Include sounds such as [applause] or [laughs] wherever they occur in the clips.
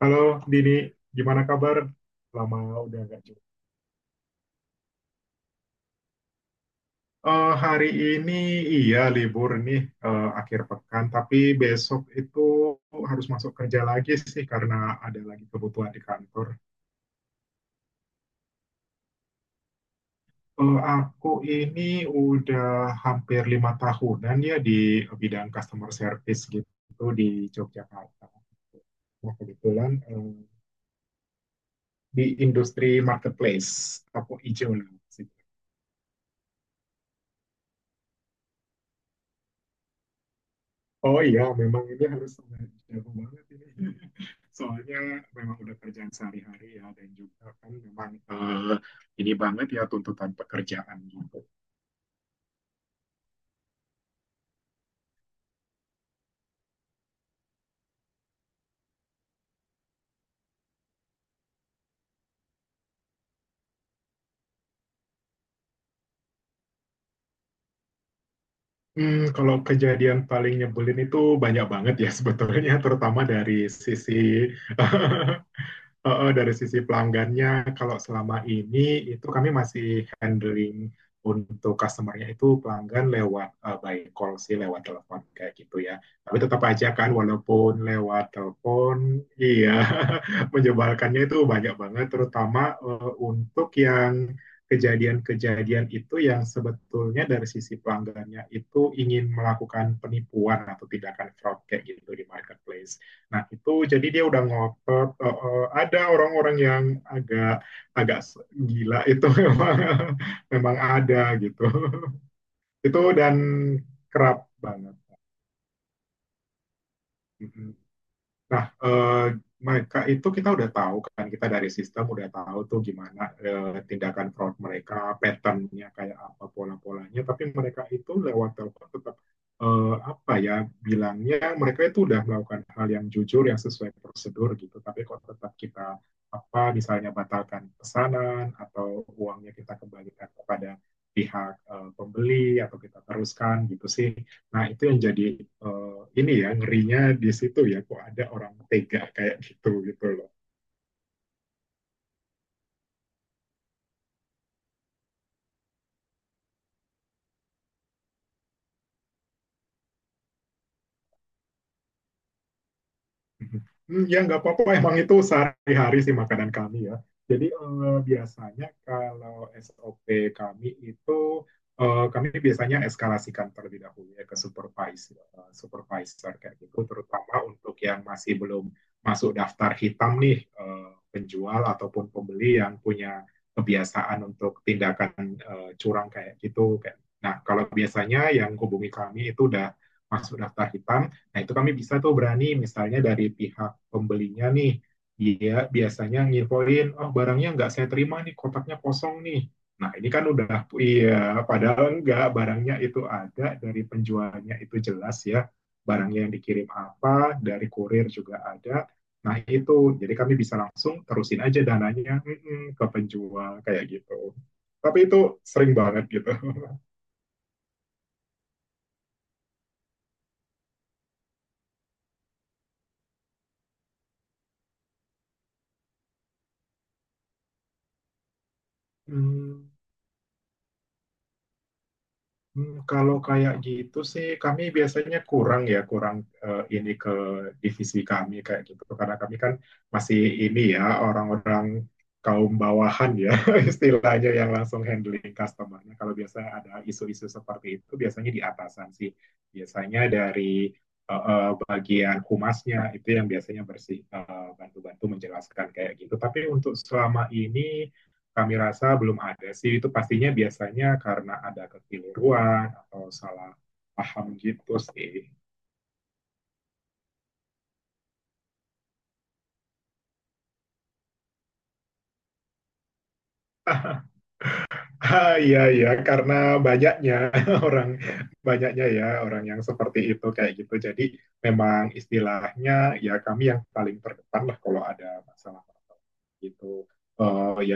Halo Dini, gimana kabar? Lama udah nggak jumpa. Hari ini iya libur nih akhir pekan, tapi besok itu harus masuk kerja lagi sih karena ada lagi kebutuhan di kantor. Aku ini udah hampir lima tahunan ya di bidang customer service gitu di Yogyakarta. Nah kebetulan di industri marketplace, toko hijau lah. Oh iya, memang ini harus sangat jago banget ini. [laughs] Soalnya memang udah kerjaan sehari-hari ya, dan juga kan memang ini banget ya tuntutan pekerjaan gitu. Kalau kejadian paling nyebelin itu banyak banget ya sebetulnya, terutama dari sisi [laughs] Heeh, dari sisi pelanggannya, kalau selama ini itu kami masih handling untuk customer-nya itu pelanggan lewat by call sih, lewat telepon kayak gitu ya. Tapi tetap aja kan, walaupun lewat telepon, iya menyebalkannya itu banyak banget, terutama untuk yang kejadian-kejadian itu yang sebetulnya dari sisi pelanggannya itu ingin melakukan penipuan atau tindakan fraud kayak gitu di marketplace. Nah, itu jadi dia udah ngotot ada orang-orang yang agak agak gila itu memang [laughs] memang ada gitu. [laughs] Itu dan kerap banget. Nah, eh, Mereka itu kita udah tahu kan, kita dari sistem udah tahu tuh gimana tindakan fraud mereka, patternnya kayak apa, pola-polanya. Tapi mereka itu lewat telepon tetap apa ya bilangnya mereka itu udah melakukan hal yang jujur, yang sesuai prosedur gitu. Tapi kok tetap kita apa misalnya batalkan pesanan atau uangnya kita kembalikan kepada pihak pembeli atau kita teruskan gitu sih. Nah, itu yang jadi ini ya ngerinya di situ ya kok ada orang tega kayak gitu gitu loh. Hmm, ya, nggak apa-apa. Emang itu sehari-hari sih makanan kami ya. Jadi biasanya kalau SOP kami itu kami biasanya eskalasikan terlebih dahulu ya ke supervisor, supervisor kayak gitu, terutama untuk yang masih belum masuk daftar hitam nih penjual ataupun pembeli yang punya kebiasaan untuk tindakan curang kayak gitu. Kayak- Nah, kalau biasanya yang hubungi kami itu udah masuk daftar hitam. Nah, itu kami bisa tuh berani misalnya dari pihak pembelinya nih, dia biasanya nginfoin, oh barangnya nggak saya terima nih, kotaknya kosong nih. Nah, ini kan udah, iya, padahal enggak, barangnya itu ada, dari penjualnya itu jelas ya, barangnya yang dikirim apa, dari kurir juga ada. Nah, itu, jadi kami bisa langsung terusin aja dananya ke penjual, kayak gitu. Tapi itu sering banget gitu. Hmm. Hmm, kalau kayak gitu sih, kami biasanya kurang ya, kurang ini ke divisi kami kayak gitu. Karena kami kan masih ini ya, orang-orang kaum bawahan ya, [laughs] istilahnya yang langsung handling customernya. Kalau biasanya ada isu-isu seperti itu, biasanya di atasan sih. Biasanya dari bagian humasnya itu yang biasanya bersih bantu-bantu menjelaskan kayak gitu. Tapi untuk selama ini kami rasa belum ada sih itu pastinya biasanya karena ada kekeliruan atau salah paham gitu sih. Ah, iya [laughs] ya karena banyaknya [laughs] orang banyaknya ya orang yang seperti itu kayak gitu. Jadi memang istilahnya ya kami yang paling terdepan lah kalau ada masalah gitu. Eh, ya.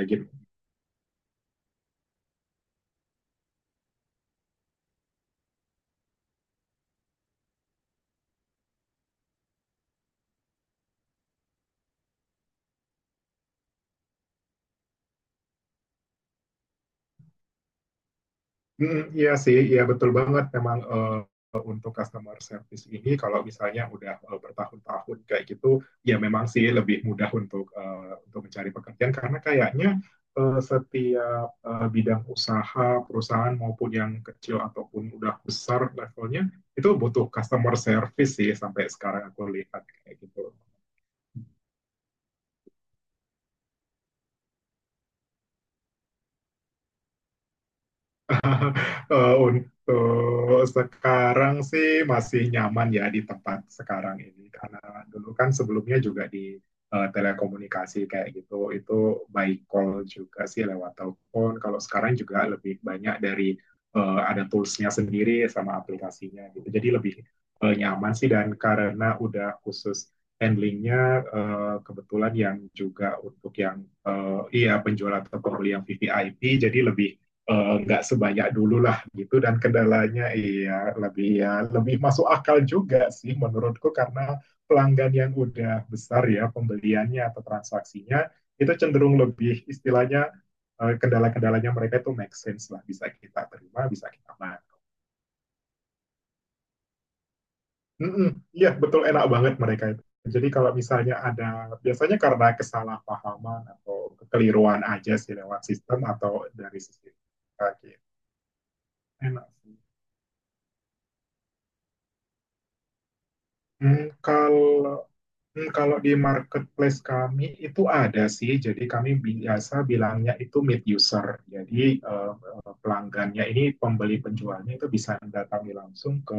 Mhm, iya sih, iya betul banget memang, untuk customer service ini kalau misalnya udah, bertahun-tahun kayak gitu, ya memang sih lebih mudah untuk, untuk mencari pekerjaan karena kayaknya, setiap, bidang usaha, perusahaan maupun yang kecil ataupun udah besar levelnya, itu butuh customer service sih sampai sekarang aku lihat kayak gitu. [laughs] Untuk sekarang sih masih nyaman ya di tempat sekarang ini karena dulu kan sebelumnya juga di telekomunikasi kayak gitu itu by call juga sih lewat telepon kalau sekarang juga lebih banyak dari ada toolsnya sendiri sama aplikasinya gitu jadi lebih nyaman sih dan karena udah khusus handlingnya kebetulan yang juga untuk yang iya penjual atau pembeli yang VVIP jadi lebih nggak sebanyak dulu lah gitu dan kendalanya iya lebih ya lebih masuk akal juga sih menurutku karena pelanggan yang udah besar ya pembeliannya atau transaksinya itu cenderung lebih istilahnya kendala-kendalanya mereka itu make sense lah bisa kita terima bisa kita bantu. Iya betul enak banget mereka itu. Jadi kalau misalnya ada biasanya karena kesalahpahaman atau kekeliruan aja sih lewat sistem atau dari sistem. Oke, enak sih. Hmm, kalau Kalau di marketplace kami itu ada sih, jadi kami biasa bilangnya itu mid user. Jadi pelanggannya ini pembeli penjualnya itu bisa datangi langsung ke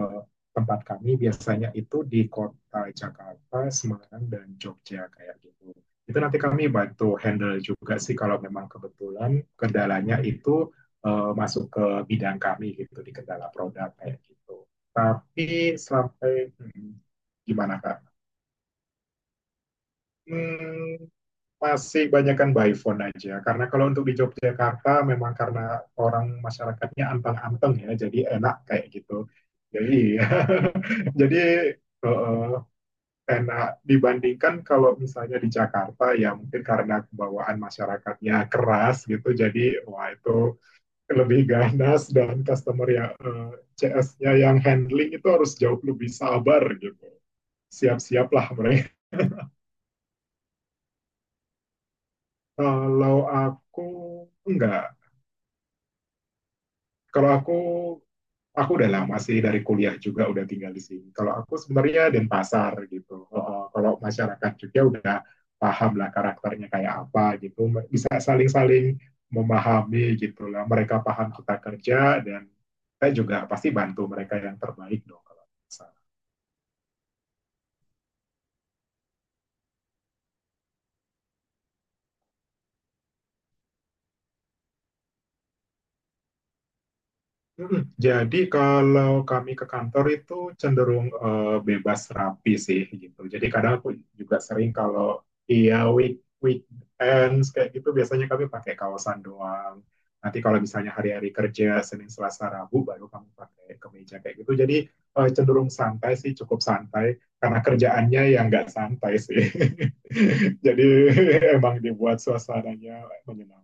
tempat kami. Biasanya itu di kota Jakarta, Semarang, dan Jogja kayak gitu. Itu nanti kami bantu handle juga sih kalau memang kebetulan kendalanya itu masuk ke bidang kami gitu di kendala produk kayak gitu. Tapi sampai hmm, gimana, Kak? Hmm, masih banyakkan by phone aja. Karena kalau untuk di Yogyakarta memang karena orang masyarakatnya anteng-anteng ya, jadi enak kayak gitu. Jadi [laughs] jadi eh, enak dibandingkan kalau misalnya di Jakarta ya mungkin karena kebawaan masyarakatnya keras gitu jadi wah itu lebih ganas dan customer ya CS-nya yang handling itu harus jauh lebih sabar gitu siap-siaplah mereka. Kalau aku enggak. Kalau aku udah lama sih dari kuliah juga udah tinggal di sini. Kalau aku sebenarnya Denpasar gitu. Kalau masyarakat juga udah paham lah karakternya kayak apa gitu. Bisa saling-saling memahami gitu lah. Mereka paham kita kerja dan saya juga pasti bantu mereka yang terbaik dong. Kalau mm-mm. Jadi kalau kami ke kantor itu cenderung bebas rapi sih gitu. Jadi kadang aku juga sering kalau iya week weekends kayak gitu biasanya kami pakai kaosan doang. Nanti kalau misalnya hari-hari kerja Senin, Selasa, Rabu baru kami pakai kemeja kayak gitu. Jadi cenderung santai sih, cukup santai karena kerjaannya yang nggak santai sih. [laughs] Jadi [laughs] emang dibuat suasananya menyenangkan.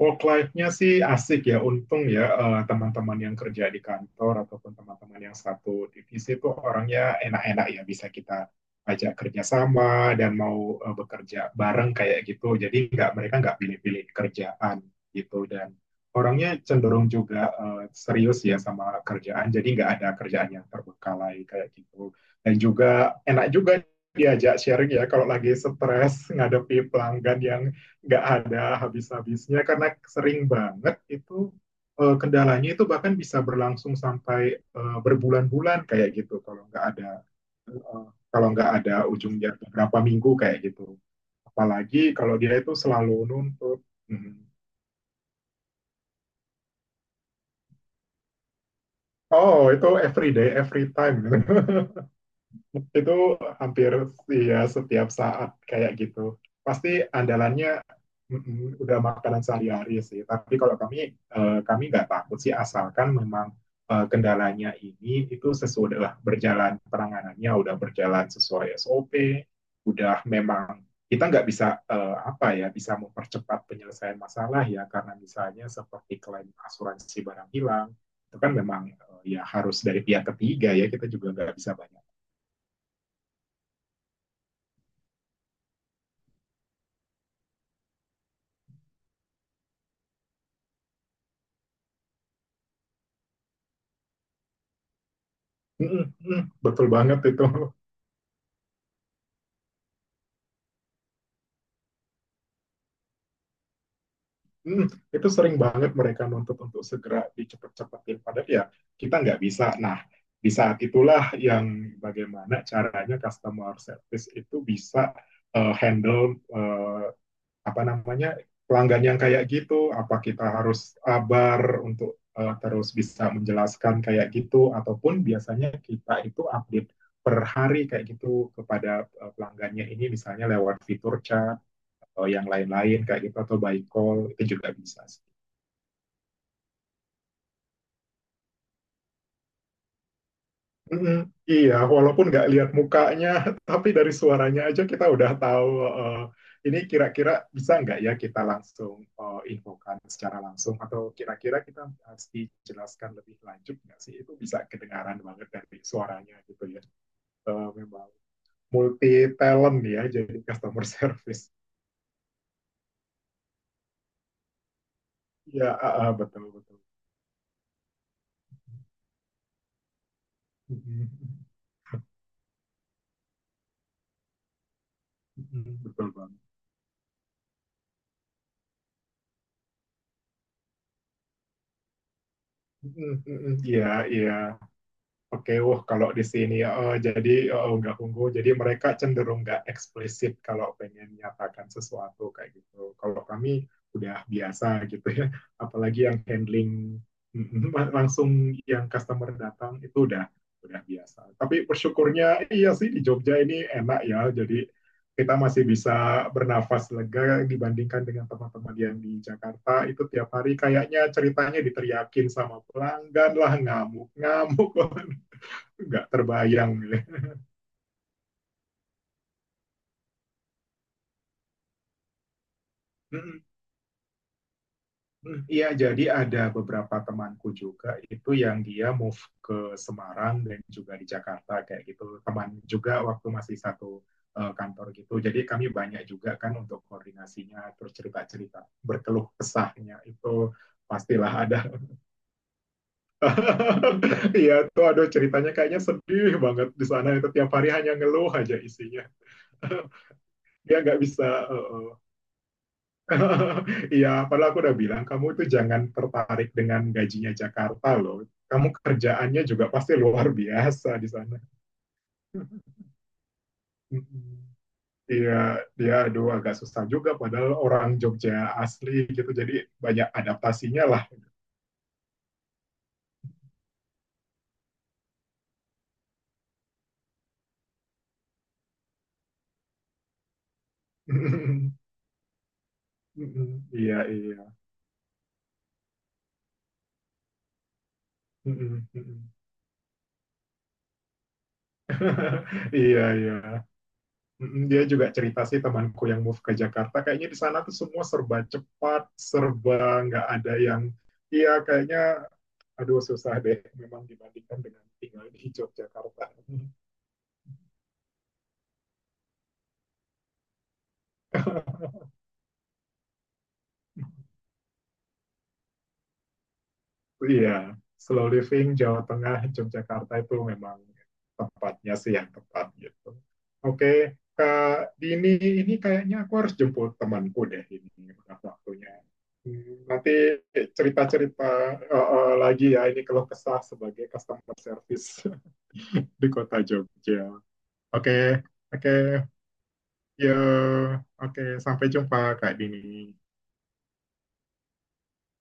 Work life-nya sih asik ya, untung ya teman-teman yang kerja di kantor ataupun teman-teman yang satu divisi itu orangnya enak-enak ya, bisa kita ajak kerjasama dan mau bekerja bareng kayak gitu. Jadi nggak mereka nggak pilih-pilih kerjaan gitu dan orangnya cenderung juga serius ya sama kerjaan. Jadi nggak ada kerjaan yang terbengkalai kayak gitu. Dan juga enak juga diajak sharing ya kalau lagi stres ngadepi pelanggan yang nggak ada habis-habisnya karena sering banget itu kendalanya itu bahkan bisa berlangsung sampai berbulan-bulan kayak gitu kalau nggak ada eh, kalau nggak ada ujungnya beberapa minggu kayak gitu apalagi kalau dia itu selalu nuntut. Hmm. Oh itu every day every time. [laughs] Itu hampir ya setiap saat kayak gitu. Pasti andalannya udah makanan sehari-hari sih. Tapi kalau kami kami nggak takut sih asalkan memang kendalanya ini itu sesudah udah berjalan penanganannya udah berjalan sesuai SOP, udah memang kita nggak bisa apa ya bisa mempercepat penyelesaian masalah ya karena misalnya seperti klaim asuransi barang hilang itu kan memang ya harus dari pihak ketiga ya kita juga nggak bisa banyak. Mm, mm, betul banget itu. [laughs] Mm, itu sering banget mereka nuntut untuk segera dicepet-cepetin. Padahal ya kita nggak bisa. Nah, di saat itulah yang bagaimana caranya customer service itu bisa handle apa namanya pelanggan yang kayak gitu. Apa kita harus sabar untuk terus bisa menjelaskan kayak gitu, ataupun biasanya kita itu update per hari kayak gitu kepada pelanggannya ini misalnya lewat fitur chat atau yang lain-lain kayak gitu atau by call itu juga bisa sih. Mm-mm. Iya, walaupun nggak lihat mukanya, [laughs] tapi dari suaranya aja kita udah tahu eh, ini kira-kira bisa nggak ya kita langsung infokan secara langsung atau kira-kira kita mesti jelaskan lebih lanjut nggak sih? Itu bisa kedengaran banget dari suaranya gitu ya. Memang multi talent ya, jadi customer [laughs] service. Ya ah, ah, betul betul. [laughs] Betul banget. Iya, iya. Oke, wah kalau di sini jadi nggak unggul, jadi mereka cenderung nggak eksplisit kalau pengen nyatakan sesuatu kayak gitu. Kalau kami udah biasa gitu ya, apalagi yang handling [laughs] langsung yang customer datang itu udah biasa. Tapi bersyukurnya iya sih di Jogja ini enak ya, jadi kita masih bisa bernafas lega dibandingkan dengan teman-teman yang di Jakarta itu tiap hari kayaknya ceritanya diteriakin sama pelanggan lah ngamuk-ngamuk. [laughs] Nggak terbayang. Iya, [laughs] jadi ada beberapa temanku juga itu yang dia move ke Semarang dan juga di Jakarta kayak gitu. Teman juga waktu masih satu kantor gitu. Jadi kami banyak juga kan untuk koordinasinya, terus cerita-cerita, berkeluh kesahnya itu pastilah ada. Iya [laughs] tuh aduh ceritanya kayaknya sedih banget di sana itu tiap hari hanya ngeluh aja isinya. [laughs] Dia nggak bisa uh, uh, [laughs] iya, padahal aku udah bilang, kamu itu jangan tertarik dengan gajinya Jakarta loh. Kamu kerjaannya juga pasti luar biasa di sana. [laughs] mm Iya, dia aduh agak susah juga padahal orang Jogja asli gitu. Jadi banyak adaptasinya lah. [laughs] Mm-mm. Iya, iya. Mm-mm, mm-mm. [laughs] Iya, iya. Mm-mm, dia juga cerita sih temanku yang move ke Jakarta, kayaknya di sana tuh semua serba cepat, serba nggak ada yang, iya kayaknya aduh susah deh memang dibandingkan dengan tinggal di Yogyakarta. Iya, [laughs] yeah, slow living Jawa Tengah, Yogyakarta itu memang tempatnya sih yang tepat gitu. Oke, Kak Dini ini kayaknya aku harus jemput temanku deh ini udah waktunya. Hmm, nanti cerita-cerita lagi ya ini kalau kesah sebagai customer service [laughs] di kota Jogja. Oke, oke, ya, oke sampai jumpa Kak Dini.